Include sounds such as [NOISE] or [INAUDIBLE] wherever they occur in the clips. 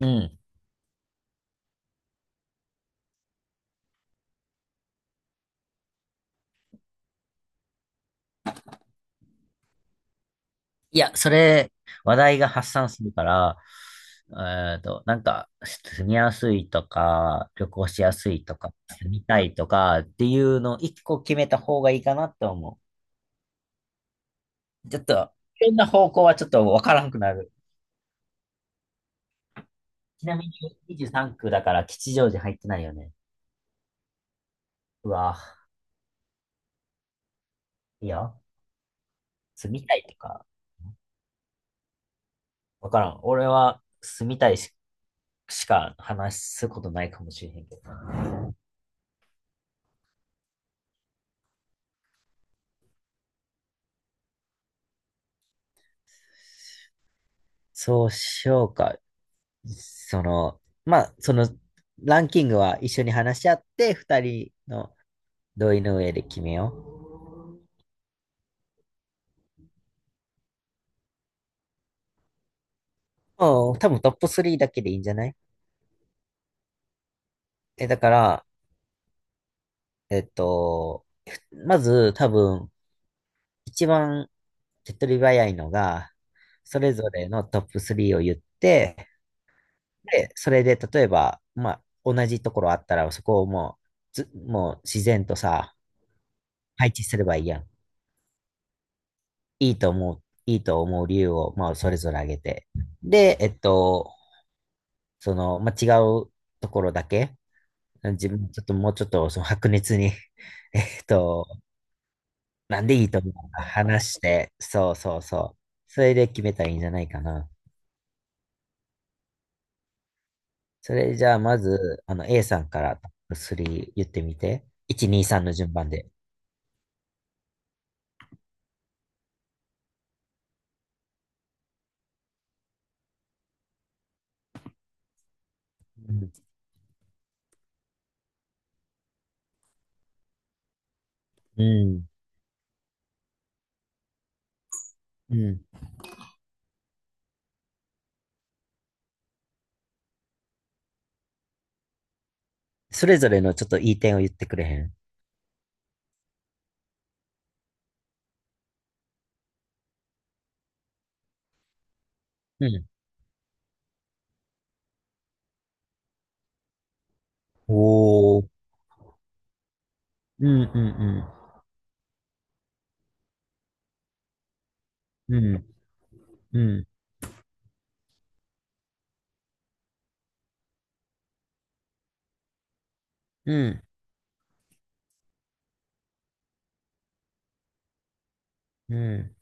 うん。いや、それ、話題が発散するから、なんか、住みやすいとか、旅行しやすいとか、住みたいとかっていうのを一個決めた方がいいかなって思う。ちょっと、いろんな方向はちょっとわからんくなる。ちなみに23区だから吉祥寺入ってないよね。うわ、いいよ。住みたいとか、わからん。俺は住みたいし、しか話すことないかもしれへんけどな。そうしようか。まあ、その、ランキングは一緒に話し合って、二人の同意の上で決めよう。うん。多分トップ3だけでいいんじゃない？だから、えっと、まず多分、一番手っ取り早いのが、それぞれのトップ3を言って、で、それで例えば、まあ、同じところあったら、そこをもう、ず、もう自然とさ、配置すればいいやん。いいと思う理由を、まあ、それぞれ挙げて。で、その、まあ、違うところだけ、自分、ちょっともうちょっと、その白熱に [LAUGHS] えっと、なんでいいと思うのか話して、そうそうそう。それで決めたらいいんじゃないかな。それじゃあ、まず、A さんからトップ3言ってみて。1、2、3の順番で。うん。うん。うん。それぞれのちょっといい点を言ってくれへん。うん。おー。うんうんうん。うん。うん。うん、うん。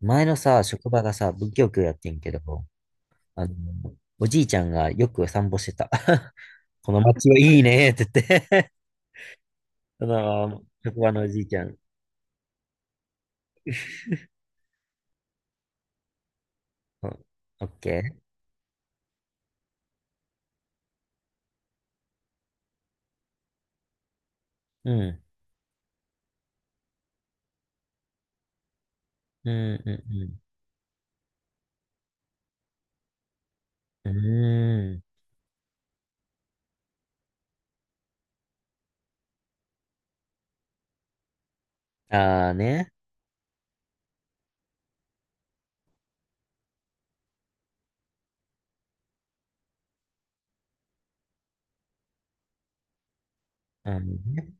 前のさ、職場がさ、文教教やってんけど、あの、おじいちゃんがよく散歩してた。[LAUGHS] この街はいいねって言って [LAUGHS] その、職場のおじいちゃん。うん、オッケー。うん、うん、うん、うん。うーん。ああね。あのね。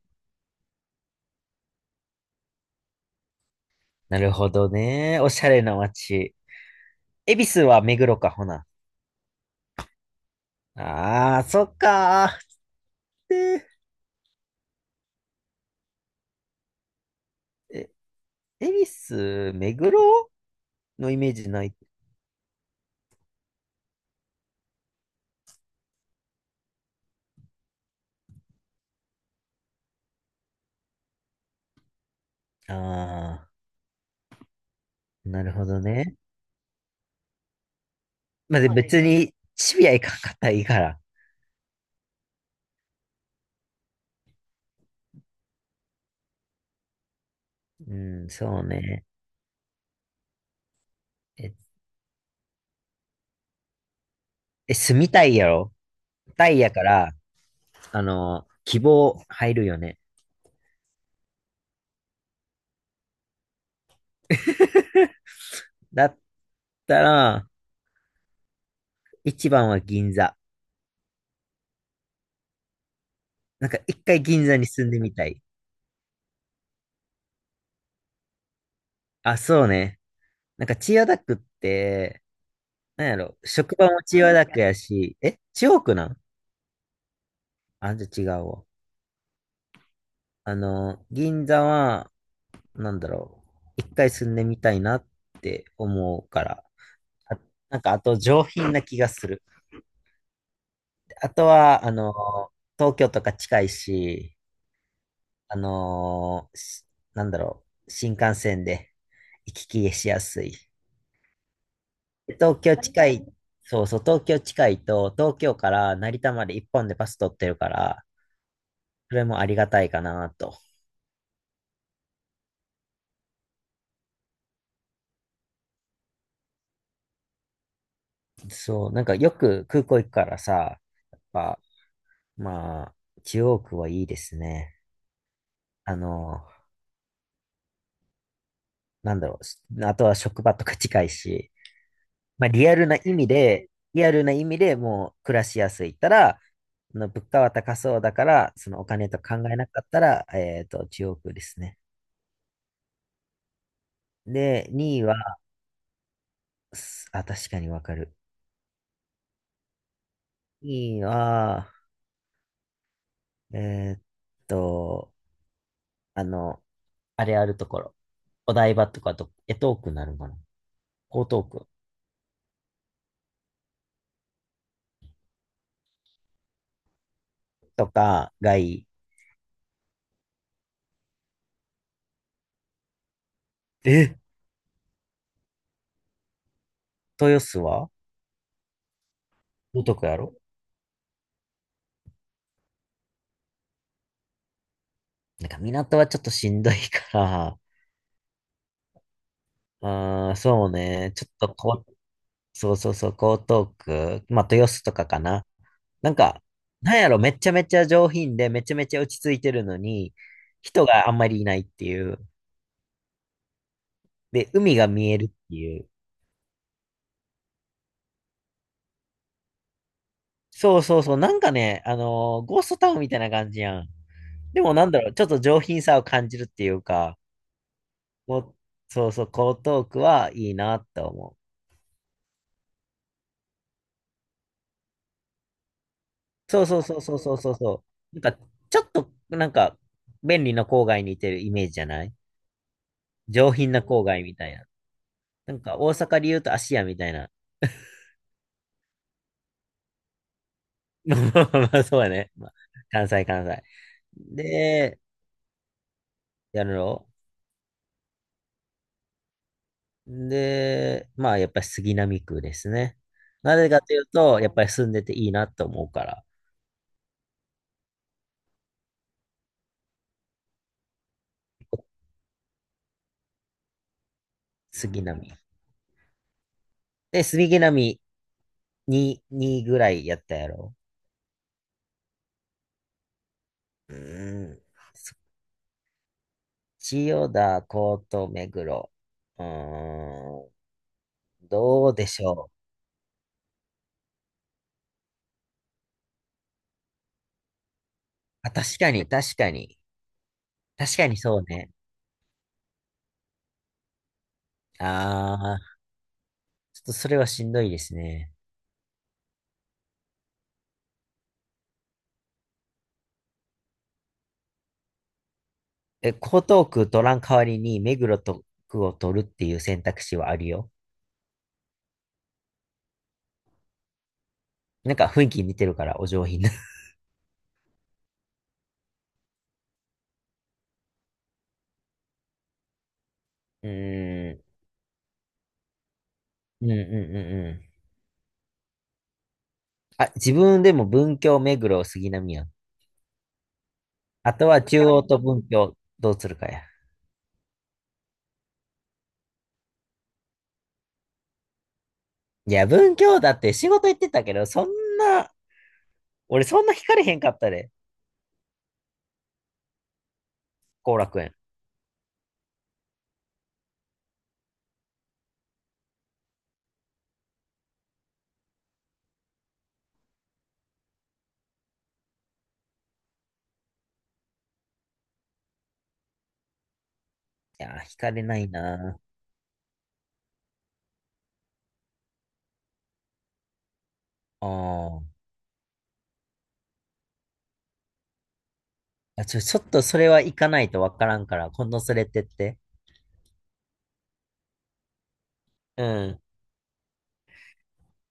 なるほどね。おしゃれな街。恵比寿は目黒か、ほな。ああ、そっかー。で、え、恵比寿、目黒のイメージない。ああ。なるほどね。まあ、で、はい。別に、シビア行かんかったらいいから。うん、そうね。え、住みたいやろタイやから、希望入るよね。[LAUGHS] だったら、一番は銀座。なんか一回銀座に住んでみたい。あ、そうね。なんか千代田区って、なんやろ、職場も千代田田区やし、千代区なん。あ、じゃあ違うわ。銀座は、なんだろう、一回住んでみたいなって思うから、あ、なんかあと上品な気がする。あとは、東京とか近いし、あの、しなんだろう、新幹線で行き来しやすい。で東京近い、そうそう、東京近いと、東京から成田まで一本でバス取ってるから、それもありがたいかなと。そう、なんかよく空港行くからさ、やっぱ、まあ、中央区はいいですね。あの、なんだろう。あとは職場とか近いし、まあリアルな意味でもう暮らしやすいったら、あの物価は高そうだから、そのお金と考えなかったら、中央区ですね。で、2位は、確かにわかる。2位は、えーっと、あの、あれあるところ。お台場とかと、江東区になるのかな。江東区とかがいい。え、豊洲は江東区やろ？なんか港はちょっとしんどいから、[LAUGHS] うーん、そうね、ちょっとこう、そうそうそう、江東区、まあ豊洲とかかな。なんか、なんやろ、めちゃめちゃ上品で、めちゃめちゃ落ち着いてるのに、人があんまりいないっていう。で、海が見えるっていう。そうそうそう、なんかね、ゴーストタウンみたいな感じやん。でもなんだろう、ちょっと上品さを感じるっていうか、こうそうそう、江東区はいいなって思う。そうそうそうそうそうそうそう。なんか、ちょっと、なんか、便利な郊外にいてるイメージじゃない？上品な郊外みたいな。なんか、大阪で言うと芦屋みたいな。[LAUGHS] まあ、そうやね。まあ、関西、関西。で、やるので、まあ、やっぱり杉並区ですね。なぜかというと、やっぱり住んでていいなと思うから、杉並。で、杉並に、2ぐらいやったやろ。うーん。千代田、江東、目黒。うーん、どうでしょう。あ、確かに、確かに。確かにそうね。あー、ちょっとそれはしんどいですね。江東区取らん代わりに目黒と区を取るっていう選択肢はあるよ。なんか雰囲気似てるから、お上品な。[LAUGHS] うーん、うんうんうんうん。あ、自分でも文京、目黒、杉並やん。あとは中央と文京、どうするかや。いや、文京だって仕事行ってたけど、そんな、俺そんな惹かれへんかったで、後楽園。いやー、惹かれないなー。あーあ。ちょっとそれは行かないとわからんから、今度連れてって。うん。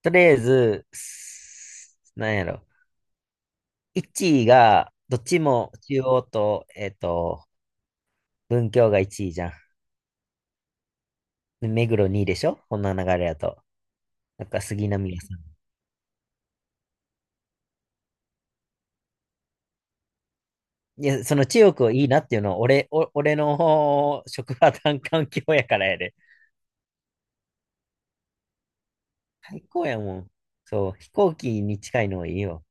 とりあえず、なんやろ。1位が、どっちも中央と、文京が1位じゃん。で目黒2位でしょ？こんな流れやと。なんか杉並屋さん。いや、その中国をいいなっていうのは、俺の職場環境やからやで。最高やもん。そう、飛行機に近いのはいいよ。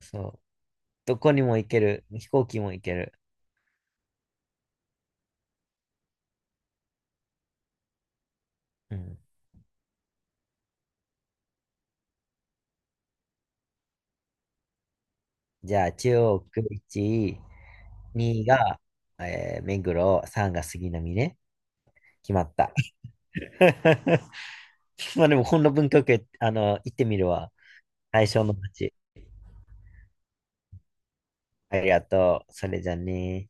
そう。どこにも行ける。飛行機も行ける。うん。じゃあ、中央区1位、2が、目黒、3が杉並ね。決まった。[LAUGHS] まあでも、こんな文京区、行ってみるわ。対象の街。ありがとう。それじゃあね